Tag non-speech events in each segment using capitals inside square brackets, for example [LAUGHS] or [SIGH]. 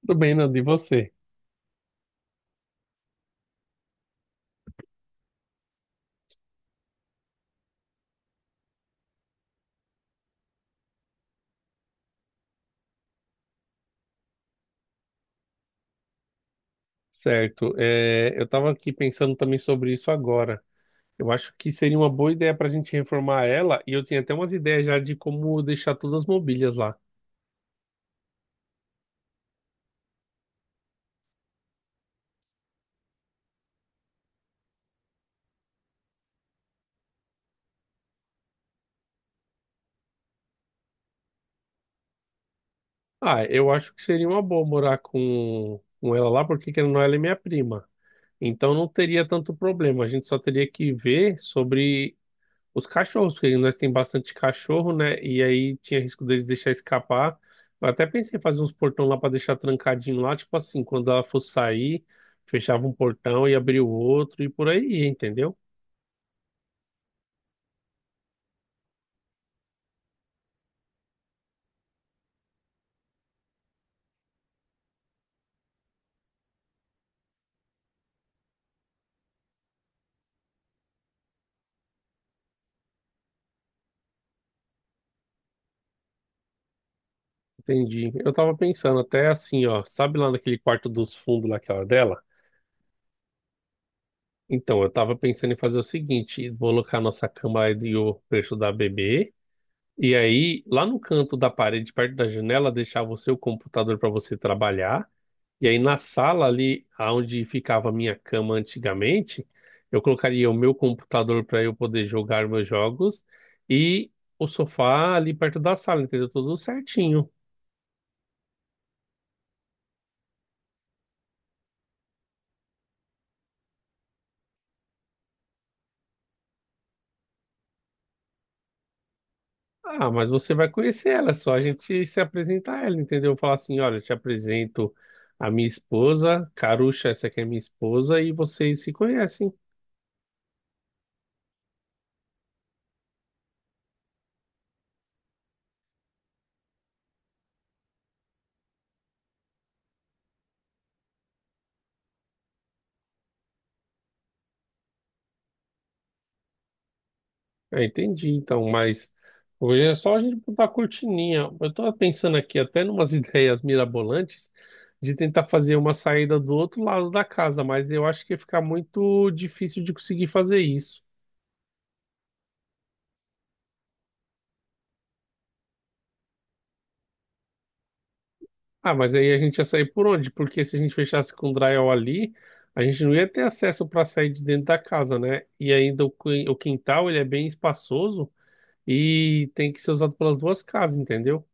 Tudo bem, Nando, e você? Certo. É, eu estava aqui pensando também sobre isso agora. Eu acho que seria uma boa ideia para a gente reformar ela, e eu tinha até umas ideias já de como deixar todas as mobílias lá. Ah, eu acho que seria uma boa morar com ela lá, porque querendo ou não, ela é minha prima. Então não teria tanto problema. A gente só teria que ver sobre os cachorros, porque nós tem bastante cachorro, né? E aí tinha risco deles deixar escapar. Eu até pensei em fazer uns portão lá para deixar trancadinho lá, tipo assim, quando ela fosse sair, fechava um portão e abria o outro e por aí, ia, entendeu? Entendi. Eu tava pensando até assim, ó, sabe lá naquele quarto dos fundos naquela dela? Então, eu tava pensando em fazer o seguinte, vou colocar a nossa cama e o preço da bebê. E aí, lá no canto da parede, perto da janela, deixar você o computador para você trabalhar. E aí na sala ali, onde ficava a minha cama antigamente, eu colocaria o meu computador para eu poder jogar meus jogos e o sofá ali perto da sala, entendeu? Tudo certinho. Ah, mas você vai conhecer ela, é só a gente se apresentar a ela, entendeu? Falar assim, olha, eu te apresento a minha esposa, Carucha, essa aqui é minha esposa, e vocês se conhecem. Ah, entendi, então, mas hoje é só a gente botar a cortininha. Eu tava pensando aqui até numas [LAUGHS] ideias mirabolantes de tentar fazer uma saída do outro lado da casa, mas eu acho que ia ficar muito difícil de conseguir fazer isso. Ah, mas aí a gente ia sair por onde? Porque se a gente fechasse com o drywall ali, a gente não ia ter acesso para sair de dentro da casa, né? E ainda o o quintal, ele é bem espaçoso e tem que ser usado pelas duas casas, entendeu?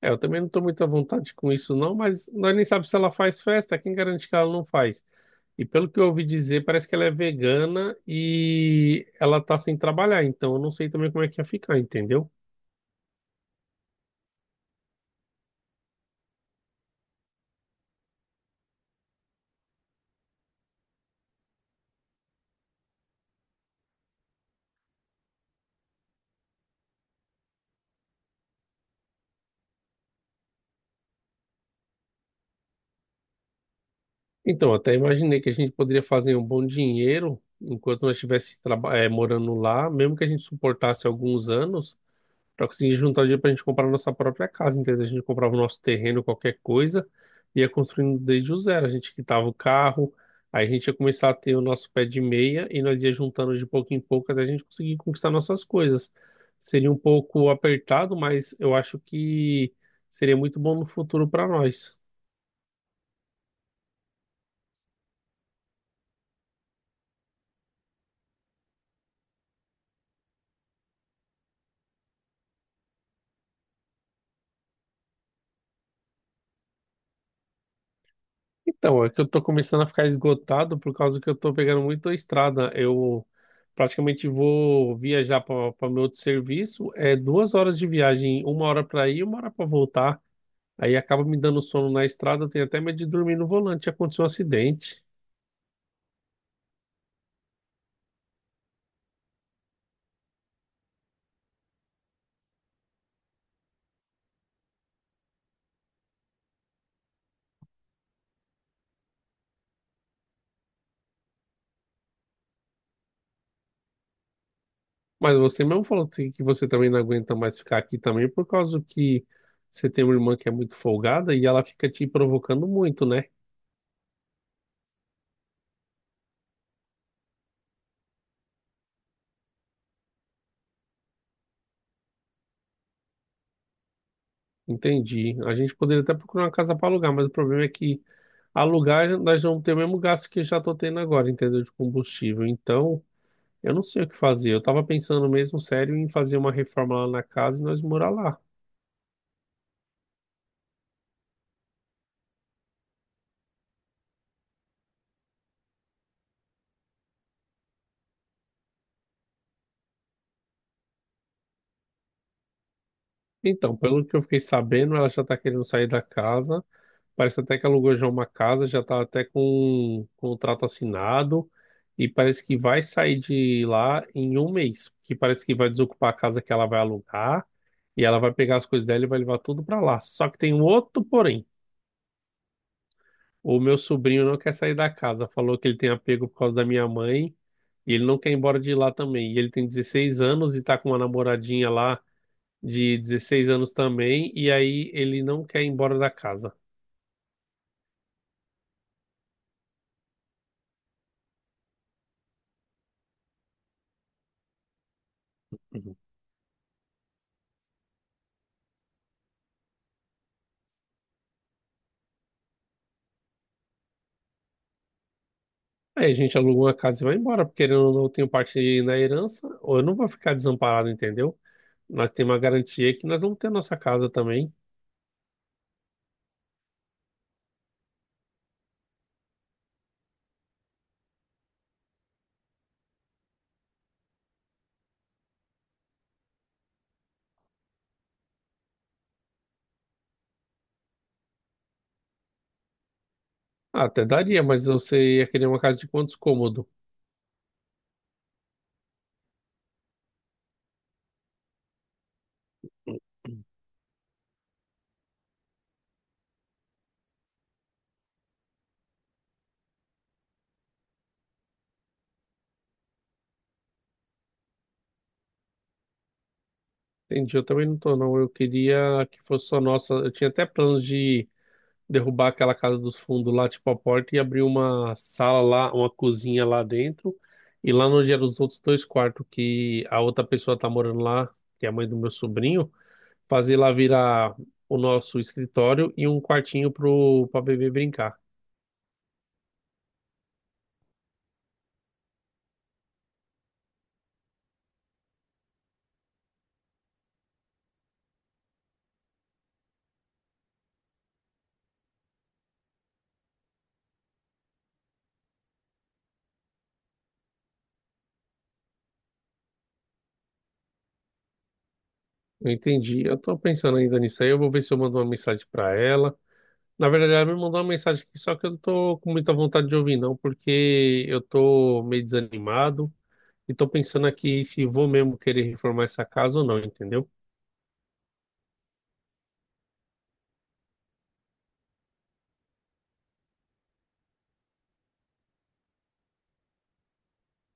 É, eu também não estou muito à vontade com isso, não, mas nós nem sabemos se ela faz festa, quem garante que ela não faz? E pelo que eu ouvi dizer, parece que ela é vegana e ela tá sem trabalhar, então eu não sei também como é que ia ficar, entendeu? Então, eu até imaginei que a gente poderia fazer um bom dinheiro enquanto nós estivéssemos morando lá, mesmo que a gente suportasse alguns anos, pra conseguir juntar dinheiro pra gente comprar a nossa própria casa, entendeu? A gente comprava o nosso terreno, qualquer coisa, e ia construindo desde o zero. A gente quitava o carro, aí a gente ia começar a ter o nosso pé de meia e nós ia juntando de pouco em pouco até a gente conseguir conquistar nossas coisas. Seria um pouco apertado, mas eu acho que seria muito bom no futuro para nós. Então, é que eu tô começando a ficar esgotado por causa que eu tô pegando muito a estrada. Eu praticamente vou viajar para meu outro serviço. É 2 horas de viagem, 1 hora para ir e 1 hora para voltar. Aí acaba me dando sono na estrada. Eu tenho até medo de dormir no volante. Aconteceu um acidente. Mas você mesmo falou assim que você também não aguenta mais ficar aqui também por causa que você tem uma irmã que é muito folgada e ela fica te provocando muito, né? Entendi. A gente poderia até procurar uma casa para alugar, mas o problema é que alugar nós vamos ter o mesmo gasto que eu já estou tendo agora, entendeu? De combustível. Então, eu não sei o que fazer. Eu estava pensando mesmo sério em fazer uma reforma lá na casa e nós morar lá. Então, pelo que eu fiquei sabendo, ela já está querendo sair da casa. Parece até que alugou já uma casa, já está até com um contrato assinado. E parece que vai sair de lá em um mês, que parece que vai desocupar a casa que ela vai alugar. E ela vai pegar as coisas dela e vai levar tudo pra lá. Só que tem um outro porém. O meu sobrinho não quer sair da casa. Falou que ele tem apego por causa da minha mãe. E ele não quer ir embora de lá também. E ele tem 16 anos e tá com uma namoradinha lá de 16 anos também. E aí ele não quer ir embora da casa. Uhum. Aí a gente aluga uma casa e vai embora, porque querendo ou não, eu tenho parte na herança, ou eu não vou ficar desamparado, entendeu? Nós temos uma garantia que nós vamos ter a nossa casa também. Ah, até daria, mas você ia querer uma casa de quantos cômodos? Entendi, eu também não tô, não. Eu queria que fosse só nossa. Eu tinha até planos de derrubar aquela casa dos fundos lá, tipo a porta, e abrir uma sala lá, uma cozinha lá dentro. E lá onde eram os outros dois quartos que a outra pessoa tá morando lá, que é a mãe do meu sobrinho, fazer lá virar o nosso escritório e um quartinho pra bebê brincar. Eu entendi. Eu tô pensando ainda nisso aí. Eu vou ver se eu mando uma mensagem pra ela. Na verdade, ela me mandou uma mensagem aqui, só que eu não tô com muita vontade de ouvir, não, porque eu tô meio desanimado e tô pensando aqui se vou mesmo querer reformar essa casa ou não, entendeu?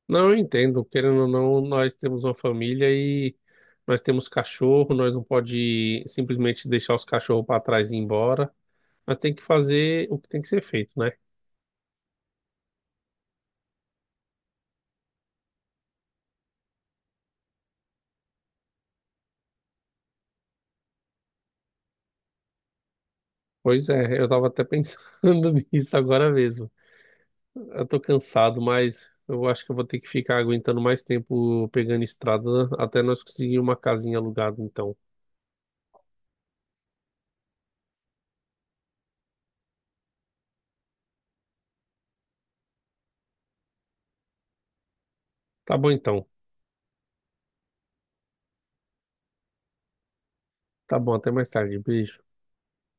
Não, eu entendo, querendo ou não, nós temos uma família e nós temos cachorro, nós não pode simplesmente deixar os cachorros para trás e ir embora. Nós tem que fazer o que tem que ser feito, né? Pois é, eu tava até pensando [LAUGHS] nisso agora mesmo. Eu tô cansado, mas eu acho que eu vou ter que ficar aguentando mais tempo pegando estrada até nós conseguir uma casinha alugada, então. Tá bom, então. Tá bom, até mais tarde. Beijo.